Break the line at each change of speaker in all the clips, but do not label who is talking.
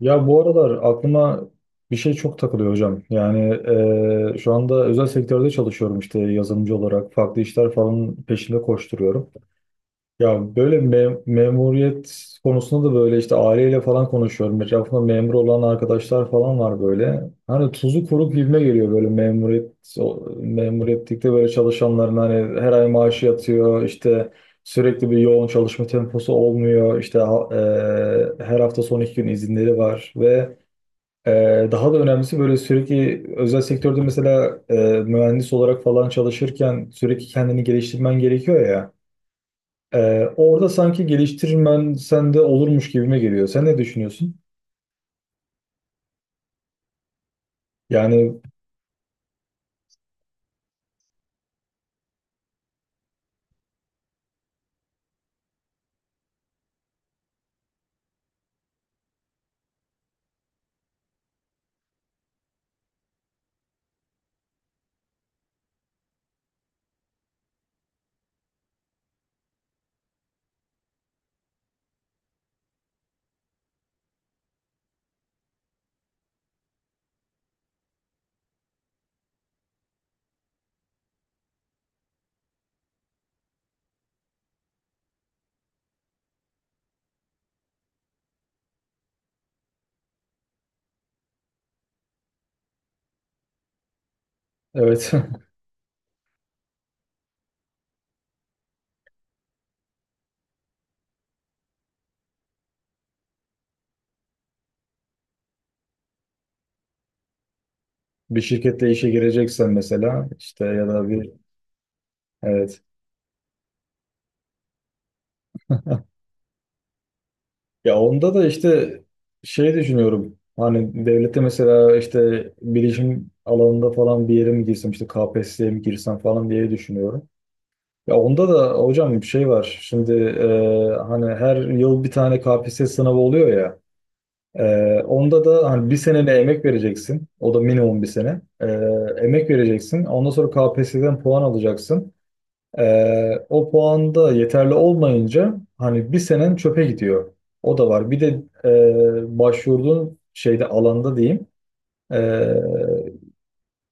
Ya bu aralar aklıma bir şey çok takılıyor hocam. Yani şu anda özel sektörde çalışıyorum işte yazılımcı olarak. Farklı işler falan peşinde koşturuyorum. Ya böyle memuriyet konusunda da böyle işte aileyle falan konuşuyorum. Etrafımda memur olan arkadaşlar falan var böyle. Hani tuzu kuru gibime geliyor böyle memuriyet, memuriyetlikte böyle çalışanların hani her ay maaşı yatıyor işte. Sürekli bir yoğun çalışma temposu olmuyor. İşte her hafta son iki gün izinleri var ve daha da önemlisi böyle sürekli özel sektörde mesela mühendis olarak falan çalışırken sürekli kendini geliştirmen gerekiyor ya. Orada sanki geliştirmen sende olurmuş gibime geliyor. Sen ne düşünüyorsun? Yani evet. Bir şirketle işe gireceksen mesela işte ya da bir evet. Ya onda da işte şey düşünüyorum. Hani devlette mesela işte bilişim alanında falan bir yere mi girsem işte KPSS'ye mi girsem falan diye düşünüyorum. Ya onda da hocam bir şey var. Şimdi hani her yıl bir tane KPSS sınavı oluyor ya. Onda da hani bir senene emek vereceksin. O da minimum bir sene. Emek vereceksin. Ondan sonra KPSS'den puan alacaksın. O puan da yeterli olmayınca hani bir senen çöpe gidiyor. O da var. Bir de başvurduğun şeyde, alanda diyeyim. E,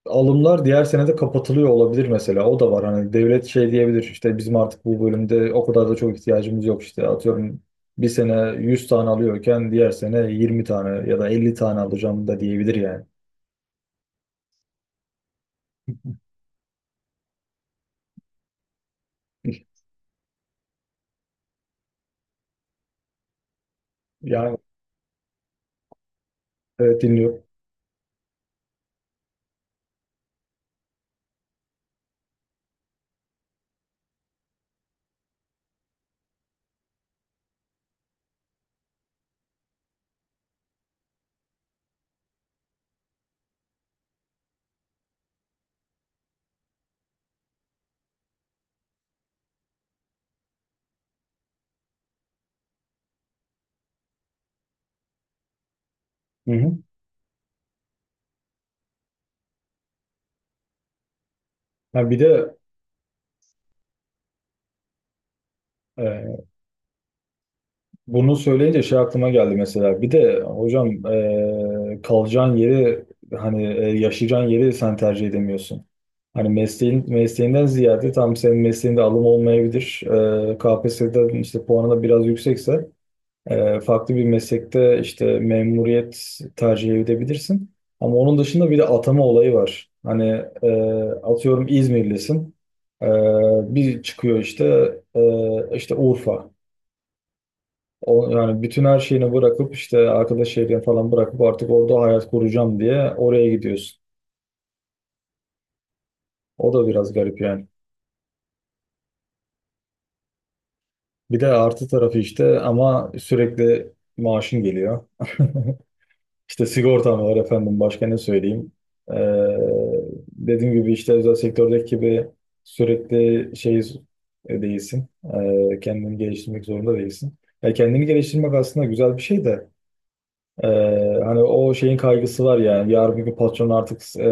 Alımlar diğer senede kapatılıyor olabilir mesela. O da var. Hani devlet şey diyebilir, işte bizim artık bu bölümde o kadar da çok ihtiyacımız yok işte. Atıyorum bir sene 100 tane alıyorken diğer sene 20 tane ya da 50 tane alacağım da diyebilir yani. Yani evet, dinliyorum. Hı hı. Ha, bir de e, bunu söyleyince şey aklıma geldi mesela. Bir de hocam kalacağın yeri, hani yaşayacağın yeri sen tercih edemiyorsun. Hani mesleğin, mesleğinden ziyade tam senin mesleğinde alım olmayabilir. KPSS'den işte puanı da biraz yüksekse farklı bir meslekte işte memuriyet tercih edebilirsin. Ama onun dışında bir de atama olayı var. Hani e, atıyorum İzmirlisin. E, Bir çıkıyor işte işte Urfa. O, yani bütün her şeyini bırakıp işte arkadaş, şehrini falan bırakıp artık orada hayat kuracağım diye oraya gidiyorsun. O da biraz garip yani. Bir de artı tarafı işte, ama sürekli maaşın geliyor. İşte sigortan var efendim, başka ne söyleyeyim. Ee, Dediğim gibi işte özel sektördeki gibi sürekli şey değilsin. Kendini geliştirmek zorunda değilsin. Ya kendini geliştirmek aslında güzel bir şey de. Ee, Hani o şeyin kaygısı var yani. Yarın bir gün patron artık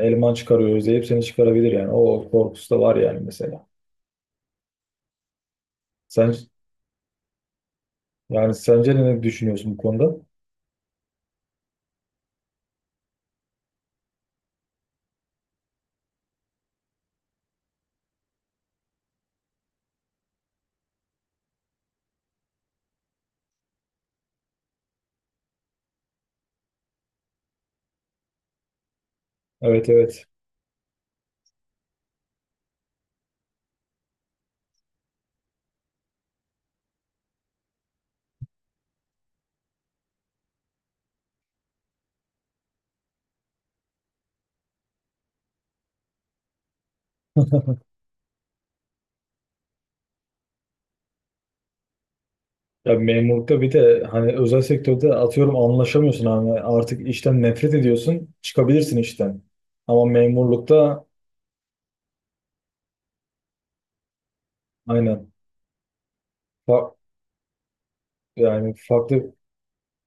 eleman çıkarıyor, özleyip seni çıkarabilir yani. O korkusu da var yani mesela. Sen, yani sence ne düşünüyorsun bu konuda? Evet, evet. Ya memurlukta bir de hani, özel sektörde atıyorum anlaşamıyorsun, hani artık işten nefret ediyorsun çıkabilirsin işten. Ama memurlukta aynen. Fa- Yani farklı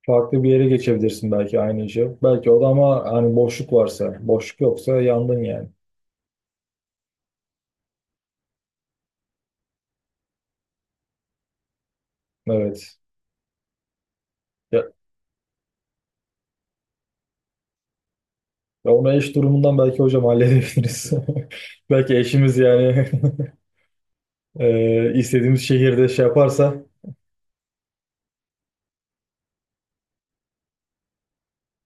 farklı bir yere geçebilirsin belki, aynı işe. Belki o da, ama hani boşluk varsa. Boşluk yoksa yandın yani. Evet. Ya ona eş durumundan belki hocam halledebiliriz. Belki eşimiz yani, istediğimiz şehirde şey yaparsa.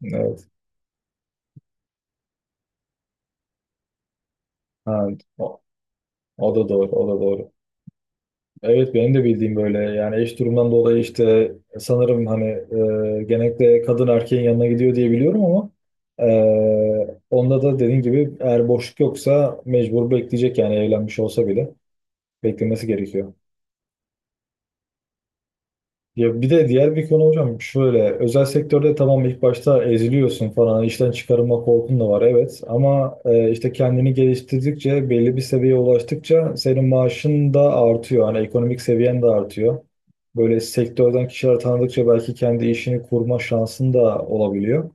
Evet. Ha, o, o da doğru, o da doğru. Evet, benim de bildiğim böyle yani. Eş durumundan dolayı işte sanırım hani genellikle kadın erkeğin yanına gidiyor diye biliyorum, ama onda da dediğin gibi eğer boşluk yoksa mecbur bekleyecek yani. Evlenmiş olsa bile beklemesi gerekiyor. Ya bir de diğer bir konu hocam, şöyle: özel sektörde tamam, ilk başta eziliyorsun falan, işten çıkarılma korkun da var evet, ama işte kendini geliştirdikçe, belli bir seviyeye ulaştıkça senin maaşın da artıyor, hani ekonomik seviyen de artıyor. Böyle sektörden kişiler tanıdıkça belki kendi işini kurma şansın da olabiliyor.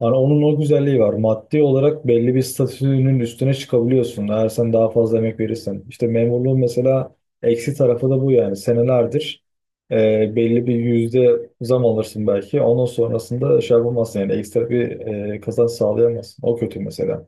Hani onun o güzelliği var. Maddi olarak belli bir statünün üstüne çıkabiliyorsun, eğer sen daha fazla emek verirsen. İşte memurluğun mesela eksi tarafı da bu yani. Senelerdir belli bir yüzde zam alırsın belki. Ondan sonrasında şey yapamazsın yani, ekstra bir kazanç sağlayamazsın. O kötü mesela.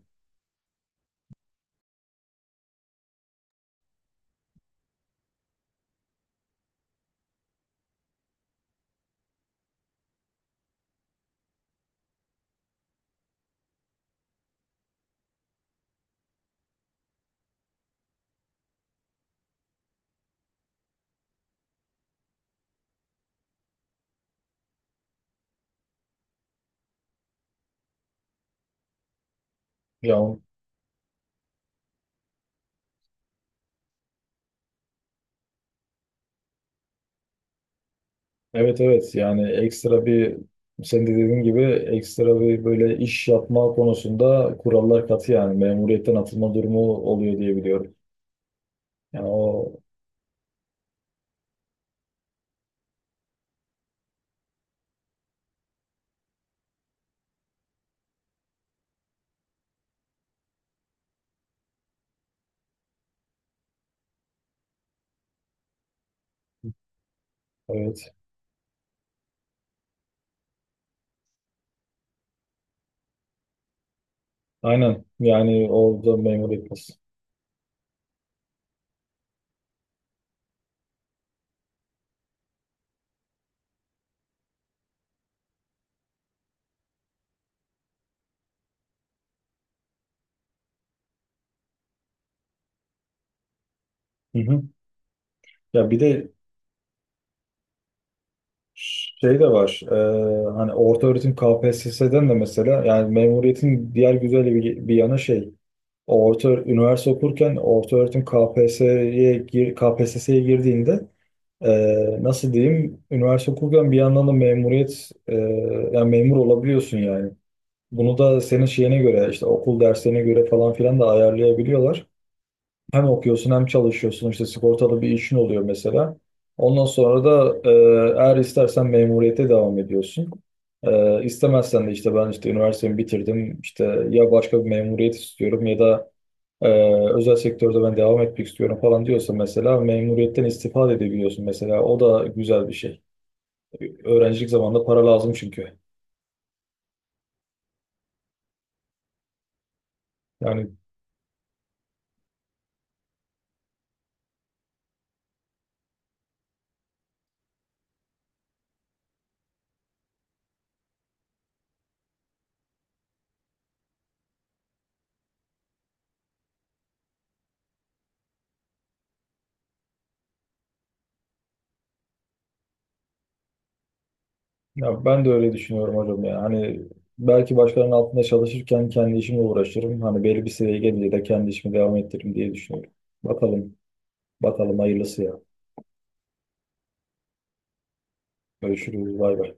Ya evet, evet, yani ekstra bir, sen de dediğin gibi, ekstra bir böyle iş yapma konusunda kurallar katı yani, memuriyetten atılma durumu oluyor diye biliyorum. Yani o evet, aynen. Yani orada memuriyet hı hı. Ya bir de şey de var, hani orta öğretim KPSS'den de mesela, yani memuriyetin diğer güzel bir, bir yanı şey, orta üniversite okurken, orta öğretim KPSS'ye gir, KPSS'ye girdiğinde nasıl diyeyim? Üniversite okurken bir yandan da memuriyet, yani memur olabiliyorsun yani. Bunu da senin şeyine göre işte okul derslerine göre falan filan da ayarlayabiliyorlar. Hem okuyorsun hem çalışıyorsun, işte sigortalı bir işin oluyor mesela. Ondan sonra da eğer istersen memuriyete devam ediyorsun. İstemezsen de işte ben işte üniversitemi bitirdim, İşte ya başka bir memuriyet istiyorum ya da ee, özel sektörde ben devam etmek istiyorum falan diyorsa mesela, memuriyetten istifade da edebiliyorsun mesela. O da güzel bir şey. Öğrencilik zamanında para lazım çünkü. Yani ya, ben de öyle düşünüyorum hocam ya. Hani belki başkalarının altında çalışırken kendi işimle uğraşırım. Hani belli bir seviyeye gelince de kendi işimi devam ettiririm diye düşünüyorum. Bakalım, bakalım hayırlısı ya. Görüşürüz, bay bay.